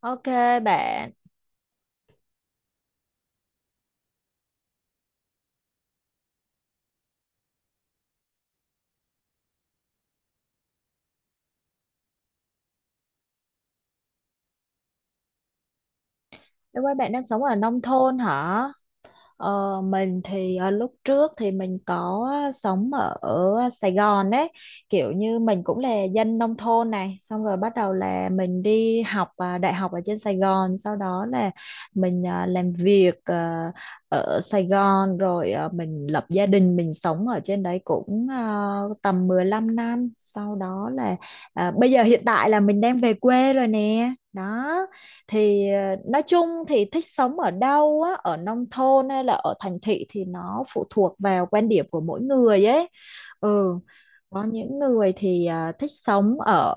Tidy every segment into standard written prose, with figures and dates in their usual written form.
Ok bạn, em ơi bạn đang sống ở nông thôn hả? Ờ, mình thì lúc trước thì mình có sống ở Sài Gòn ấy, kiểu như mình cũng là dân nông thôn này, xong rồi bắt đầu là mình đi học đại học ở trên Sài Gòn, sau đó là mình làm việc ở Sài Gòn, rồi mình lập gia đình, mình sống ở trên đấy cũng tầm 15 năm, sau đó là bây giờ hiện tại là mình đang về quê rồi nè, đó. Thì nói chung thì thích sống ở đâu á, ở nông thôn hay là ở thành thị thì nó phụ thuộc vào quan điểm của mỗi người ấy. Ừ. Có những người thì thích sống ở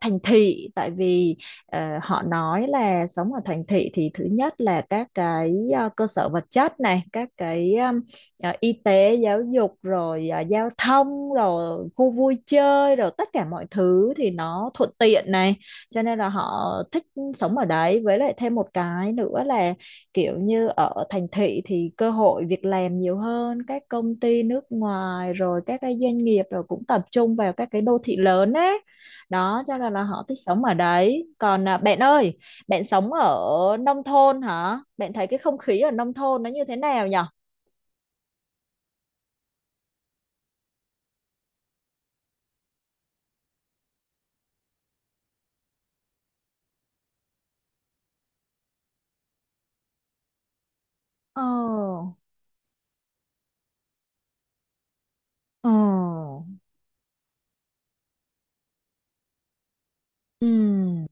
thành thị tại vì họ nói là sống ở thành thị thì thứ nhất là các cái cơ sở vật chất này, các cái y tế giáo dục rồi giao thông rồi khu vui chơi rồi tất cả mọi thứ thì nó thuận tiện này, cho nên là họ thích sống ở đấy, với lại thêm một cái nữa là kiểu như ở thành thị thì cơ hội việc làm nhiều hơn, các công ty nước ngoài rồi các cái doanh nghiệp rồi cũng tập trung vào các cái đô thị lớn ấy, đó cho nên là họ thích sống ở đấy. Còn bạn ơi, bạn sống ở nông thôn hả? Bạn thấy cái không khí ở nông thôn nó như thế nào nhở? Ờ. Ờ. Ừ.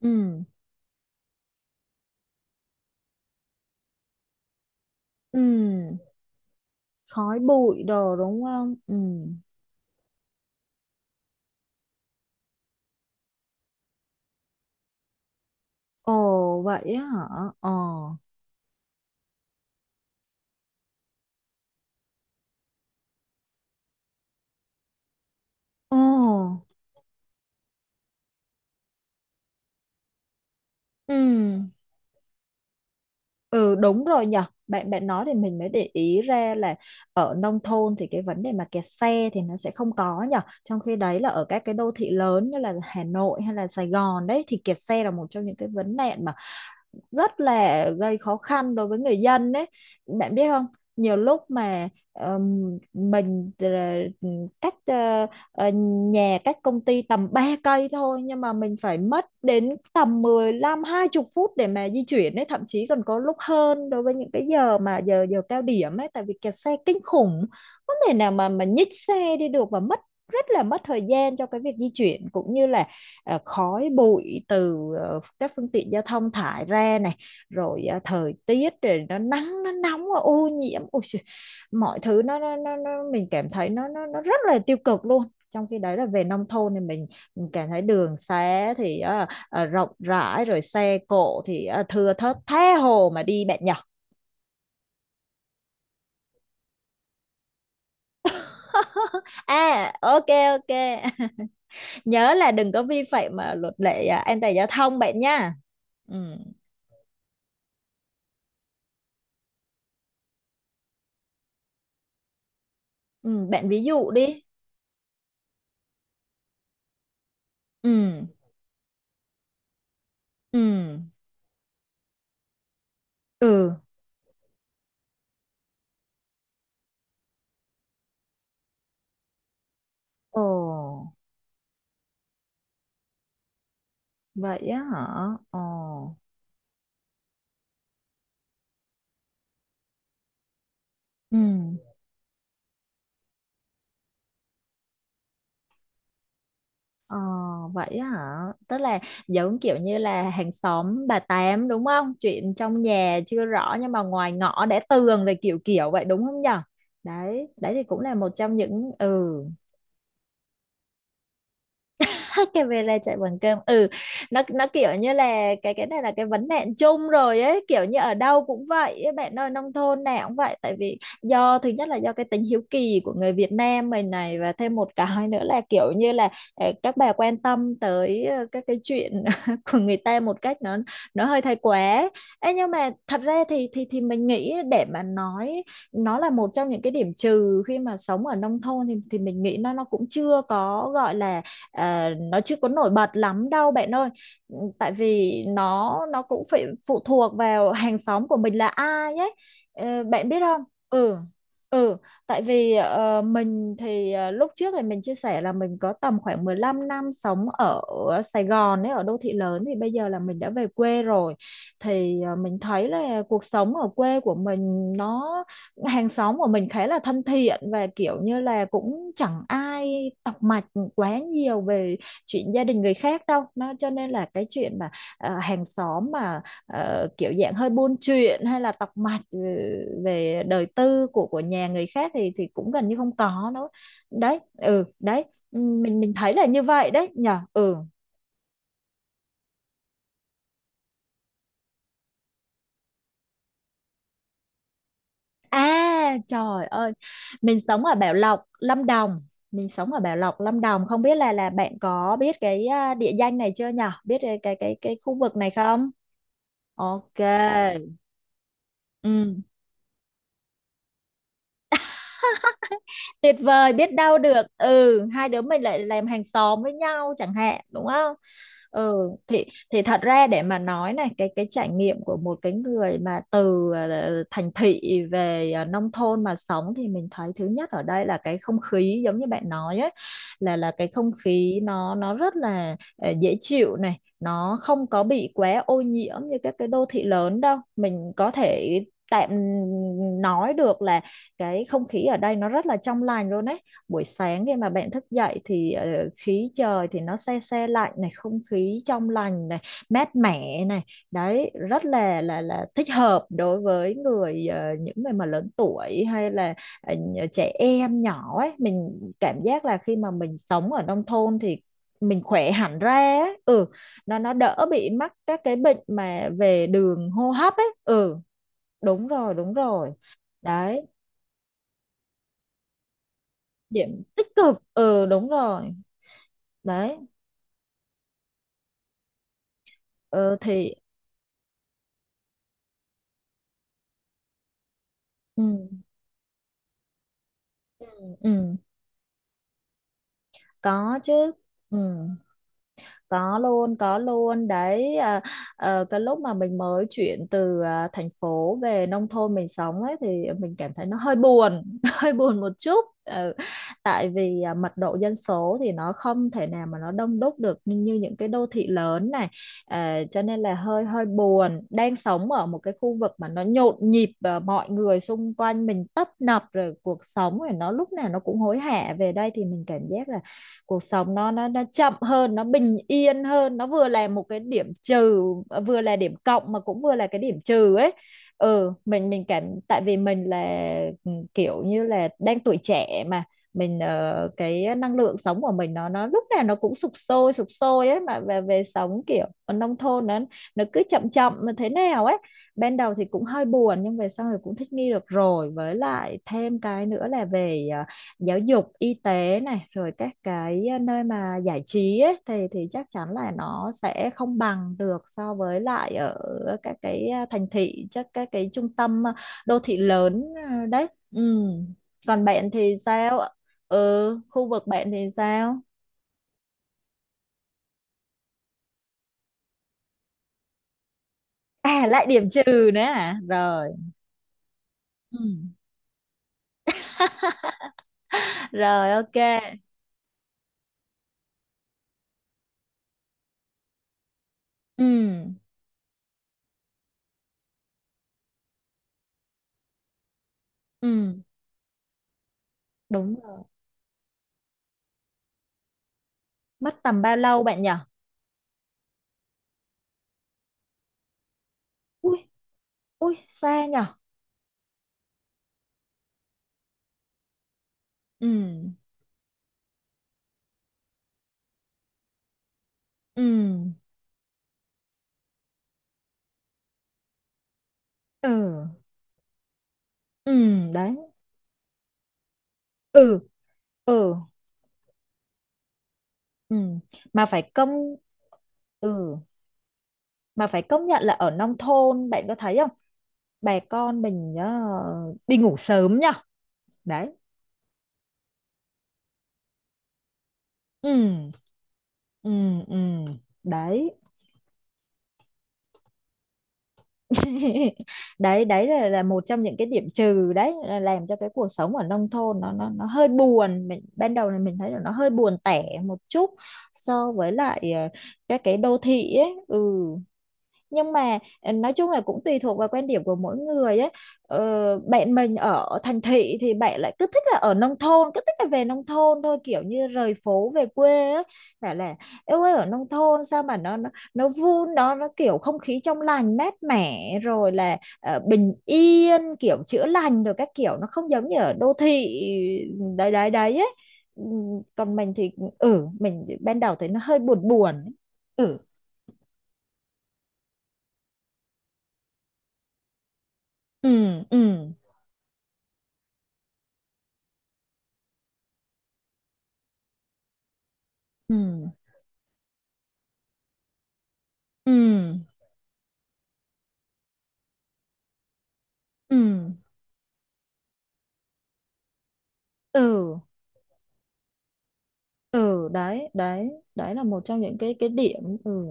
Ừ. Ừ. Khói bụi đồ đúng không? Ừ. Ồ vậy á hả? Ờ. Ồ. Ừ. Ừ, đúng rồi nhở. Bạn bạn nói thì mình mới để ý ra là ở nông thôn thì cái vấn đề mà kẹt xe thì nó sẽ không có nhở. Trong khi đấy là ở các cái đô thị lớn như là Hà Nội hay là Sài Gòn đấy thì kẹt xe là một trong những cái vấn nạn mà rất là gây khó khăn đối với người dân đấy, bạn biết không. Nhiều lúc mà mình cách ờ, ờ, nhà cách công ty tầm 3 cây thôi, nhưng mà mình phải mất đến tầm mười lăm hai 20 phút để mà di chuyển ấy, thậm chí còn có lúc hơn đối với những cái giờ mà giờ giờ cao điểm ấy, tại vì kẹt xe kinh khủng, không thể nào mà nhích xe đi được, và mất rất là mất thời gian cho cái việc di chuyển, cũng như là khói bụi từ các phương tiện giao thông thải ra này, rồi thời tiết rồi nó nắng nó nóng nó ô nhiễm. Ôi, mọi thứ nó mình cảm thấy nó rất là tiêu cực luôn. Trong khi đấy là về nông thôn thì mình cảm thấy đường xá thì rộng rãi, rồi xe cộ thì thưa thớt, tha hồ mà đi bạn nhỏ. À, ok. Ok. Nhớ là đừng có vi phạm mà luật lệ à, an toàn giao thông bạn nha. Ừ. Ừ, bạn ví dụ đi. Ừ. Ừ. Ừ. Ồ, vậy á hả? Ồ. Ừ. ờ, Vậy á hả? Tức là giống kiểu như là hàng xóm bà Tám đúng không? Chuyện trong nhà chưa rõ nhưng mà ngoài ngõ đã tường rồi, kiểu kiểu vậy đúng không nhở? Đấy, đấy thì cũng là một trong những, ừ, cái về là chạy bằng cơm. Ừ. Nó kiểu như là cái này là cái vấn nạn chung rồi ấy, kiểu như ở đâu cũng vậy ấy, bạn ơi, nông thôn nào cũng vậy, tại vì do thứ nhất là do cái tính hiếu kỳ của người Việt Nam mình này, và thêm một cái nữa là kiểu như là các bà quan tâm tới các cái chuyện của người ta một cách nó hơi thái quá. Ê, nhưng mà thật ra thì mình nghĩ để mà nói nó là một trong những cái điểm trừ khi mà sống ở nông thôn, thì mình nghĩ nó cũng chưa có gọi là, ờ, nó chưa có nổi bật lắm đâu bạn ơi. Ừ, tại vì nó cũng phải phụ thuộc vào hàng xóm của mình là ai ấy. Ờ, bạn biết không. Ừ. Ừ. Tại vì mình thì lúc trước thì mình chia sẻ là mình có tầm khoảng 15 năm sống ở Sài Gòn ấy, ở đô thị lớn, thì bây giờ là mình đã về quê rồi, thì mình thấy là cuộc sống ở quê của mình nó, hàng xóm của mình khá là thân thiện và kiểu như là cũng chẳng ai tọc mạch quá nhiều về chuyện gia đình người khác đâu, nó cho nên là cái chuyện mà hàng xóm mà kiểu dạng hơi buôn chuyện hay là tọc mạch, ừ, về đời tư của nhà người khác thì cũng gần như không có nữa đấy. Ừ, đấy. Ừ, mình thấy là như vậy đấy nhở. Ừ. À trời ơi, mình sống ở Bảo Lộc Lâm Đồng mình sống ở Bảo Lộc Lâm Đồng, không biết là bạn có biết cái địa danh này chưa nhở, biết cái, khu vực này không? Ok. Ừ. Tuyệt vời, biết đau được, ừ, hai đứa mình lại làm hàng xóm với nhau chẳng hạn đúng không. Ừ, thì thật ra để mà nói này, cái trải nghiệm của một cái người mà từ thành thị về nông thôn mà sống thì mình thấy thứ nhất ở đây là cái không khí giống như bạn nói ấy, là cái không khí nó rất là dễ chịu này, nó không có bị quá ô nhiễm như các cái đô thị lớn đâu, mình có thể tạm nói được là cái không khí ở đây nó rất là trong lành luôn ấy. Buổi sáng khi mà bạn thức dậy thì khí trời thì nó se se lạnh này, không khí trong lành này, mát mẻ này, đấy rất là thích hợp đối với người những người mà lớn tuổi hay là trẻ em nhỏ ấy, mình cảm giác là khi mà mình sống ở nông thôn thì mình khỏe hẳn ra ấy. Ừ. Nó đỡ bị mắc các cái bệnh mà về đường hô hấp ấy. Ừ, đúng rồi đấy, điểm tích cực, ừ, đúng rồi đấy. Ờ, thì, ừ. Ừ, có chứ. Ừ. Có luôn, có luôn đấy. Cái lúc mà mình mới chuyển từ thành phố về nông thôn mình sống ấy thì mình cảm thấy nó hơi buồn, hơi buồn một chút. Ừ, tại vì mật độ dân số thì nó không thể nào mà nó đông đúc được như, như những cái đô thị lớn này. À, cho nên là hơi hơi buồn, đang sống ở một cái khu vực mà nó nhộn nhịp và mọi người xung quanh mình tấp nập rồi cuộc sống rồi nó lúc nào nó cũng hối hả, về đây thì mình cảm giác là cuộc sống nó chậm hơn, nó bình yên hơn, nó vừa là một cái điểm trừ, vừa là điểm cộng mà cũng vừa là cái điểm trừ ấy. Ừ, mình cảm, tại vì mình là, ừ, kiểu như là đang tuổi trẻ mà mình, cái năng lượng sống của mình nó lúc nào nó cũng sục sôi ấy, mà về về sống kiểu ở nông thôn nó cứ chậm chậm mà thế nào ấy, ban đầu thì cũng hơi buồn nhưng về sau thì cũng thích nghi được rồi, với lại thêm cái nữa là về giáo dục y tế này rồi các cái nơi mà giải trí ấy, thì chắc chắn là nó sẽ không bằng được so với lại ở các cái thành thị, chắc các cái trung tâm đô thị lớn đấy. Ừ. Còn bạn thì sao ạ? Ừ, khu vực bạn thì sao? À, lại điểm trừ nữa à, rồi. Ừ. Rồi ok. Ừ. Ừ, đúng rồi. Mất tầm bao lâu bạn nhỉ? Ui. Ui xa nhỉ. Ừ. Ừ. Ừ. Đấy. Ừ. Ừ. Ừm, mà phải công, ừ, mà phải công nhận là ở nông thôn bạn có thấy không? Bà con mình nhá, đi ngủ sớm nhá. Đấy. Ừm. Ừm. Ừm. Đấy. Đấy, đấy là một trong những cái điểm trừ đấy, là làm cho cái cuộc sống ở nông thôn nó hơi buồn. Mình ban đầu là mình thấy là nó hơi buồn tẻ một chút so với lại các cái đô thị ấy. Ừ. Nhưng mà nói chung là cũng tùy thuộc vào quan điểm của mỗi người ấy. ờ, Bạn mình ở thành thị thì bạn lại cứ thích là ở nông thôn, cứ thích là về nông thôn thôi, kiểu như rời phố về quê ấy, bảo là yêu ơi ở nông thôn sao mà nó vun nó kiểu không khí trong lành mát mẻ, rồi là bình yên kiểu chữa lành rồi các kiểu, nó không giống như ở đô thị. Đấy đấy đấy ấy. Ừ, còn mình thì ừ, mình ban đầu thấy nó hơi buồn buồn ấy. Ừ. Ừ ừ ừ ừ ừ ừ ừ. Đấy đấy đấy là một trong những cái điểm. Ừ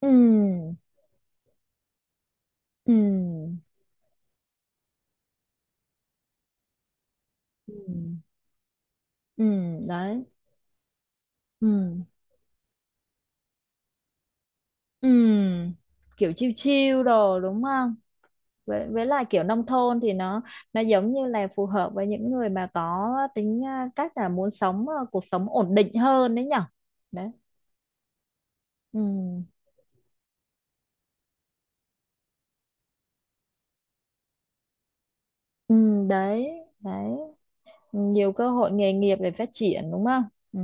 ừ ừ ừ ừ. Đấy. Ừ ừ. Kiểu chiêu chiêu đồ đúng không, với lại kiểu nông thôn thì nó giống như là phù hợp với những người mà có tính à, cách là muốn sống à, cuộc sống ổn định hơn đấy nhở. Đấy. Ừ ừ. Đấy đấy, nhiều cơ hội nghề nghiệp để phát triển đúng không. Ừ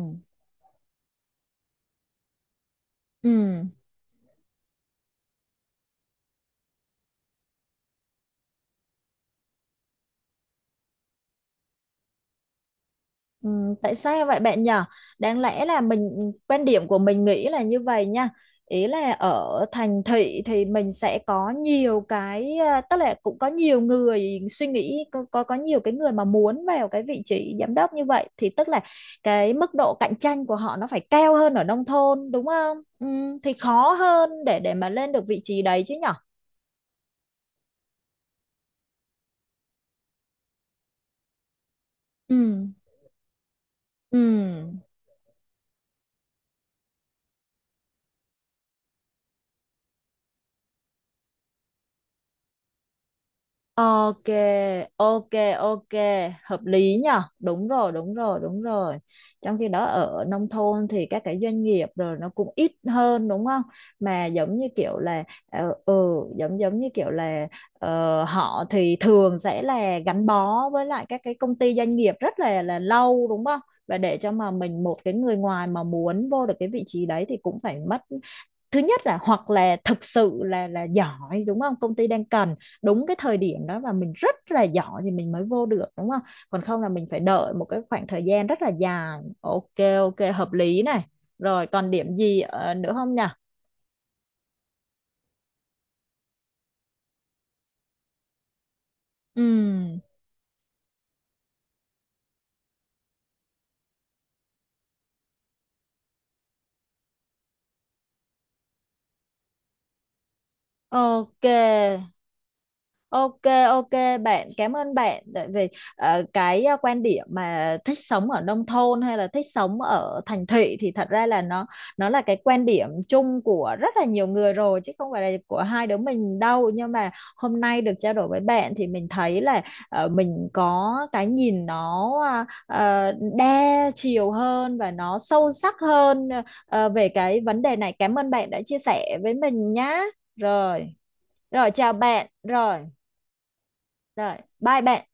ừ. Ừ, tại sao vậy bạn nhở? Đáng lẽ là mình, quan điểm của mình nghĩ là như vậy nha. Ý là ở thành thị thì mình sẽ có nhiều cái à, tức là cũng có nhiều người suy nghĩ có nhiều cái người mà muốn vào cái vị trí giám đốc như vậy, thì tức là cái mức độ cạnh tranh của họ nó phải cao hơn ở nông thôn đúng không? Ừ, thì khó hơn để mà lên được vị trí đấy chứ nhở? Ừ. Ừ. Ok, ok, ok, hợp lý nhở? Đúng rồi, đúng rồi, đúng rồi. Trong khi đó ở nông thôn thì các cái doanh nghiệp rồi nó cũng ít hơn đúng không? Mà giống như kiểu là ừ, giống giống như kiểu là họ thì thường sẽ là gắn bó với lại các cái công ty doanh nghiệp rất là lâu đúng không? Và để cho mà mình, một cái người ngoài mà muốn vô được cái vị trí đấy thì cũng phải mất, thứ nhất là hoặc là thực sự là giỏi đúng không, công ty đang cần đúng cái thời điểm đó và mình rất là giỏi thì mình mới vô được đúng không, còn không là mình phải đợi một cái khoảng thời gian rất là dài. Ok, ok, hợp lý này. Rồi còn điểm gì nữa không nhỉ. Ừm, ok. Ok, ok, bạn, cảm ơn bạn tại vì cái quan điểm mà thích sống ở nông thôn hay là thích sống ở thành thị thì thật ra là nó là cái quan điểm chung của rất là nhiều người rồi chứ không phải là của hai đứa mình đâu, nhưng mà hôm nay được trao đổi với bạn thì mình thấy là mình có cái nhìn nó ờ, đa chiều hơn và nó sâu sắc hơn về cái vấn đề này. Cảm ơn bạn đã chia sẻ với mình nhá. Rồi. Rồi chào bạn. Rồi rồi, bye bạn.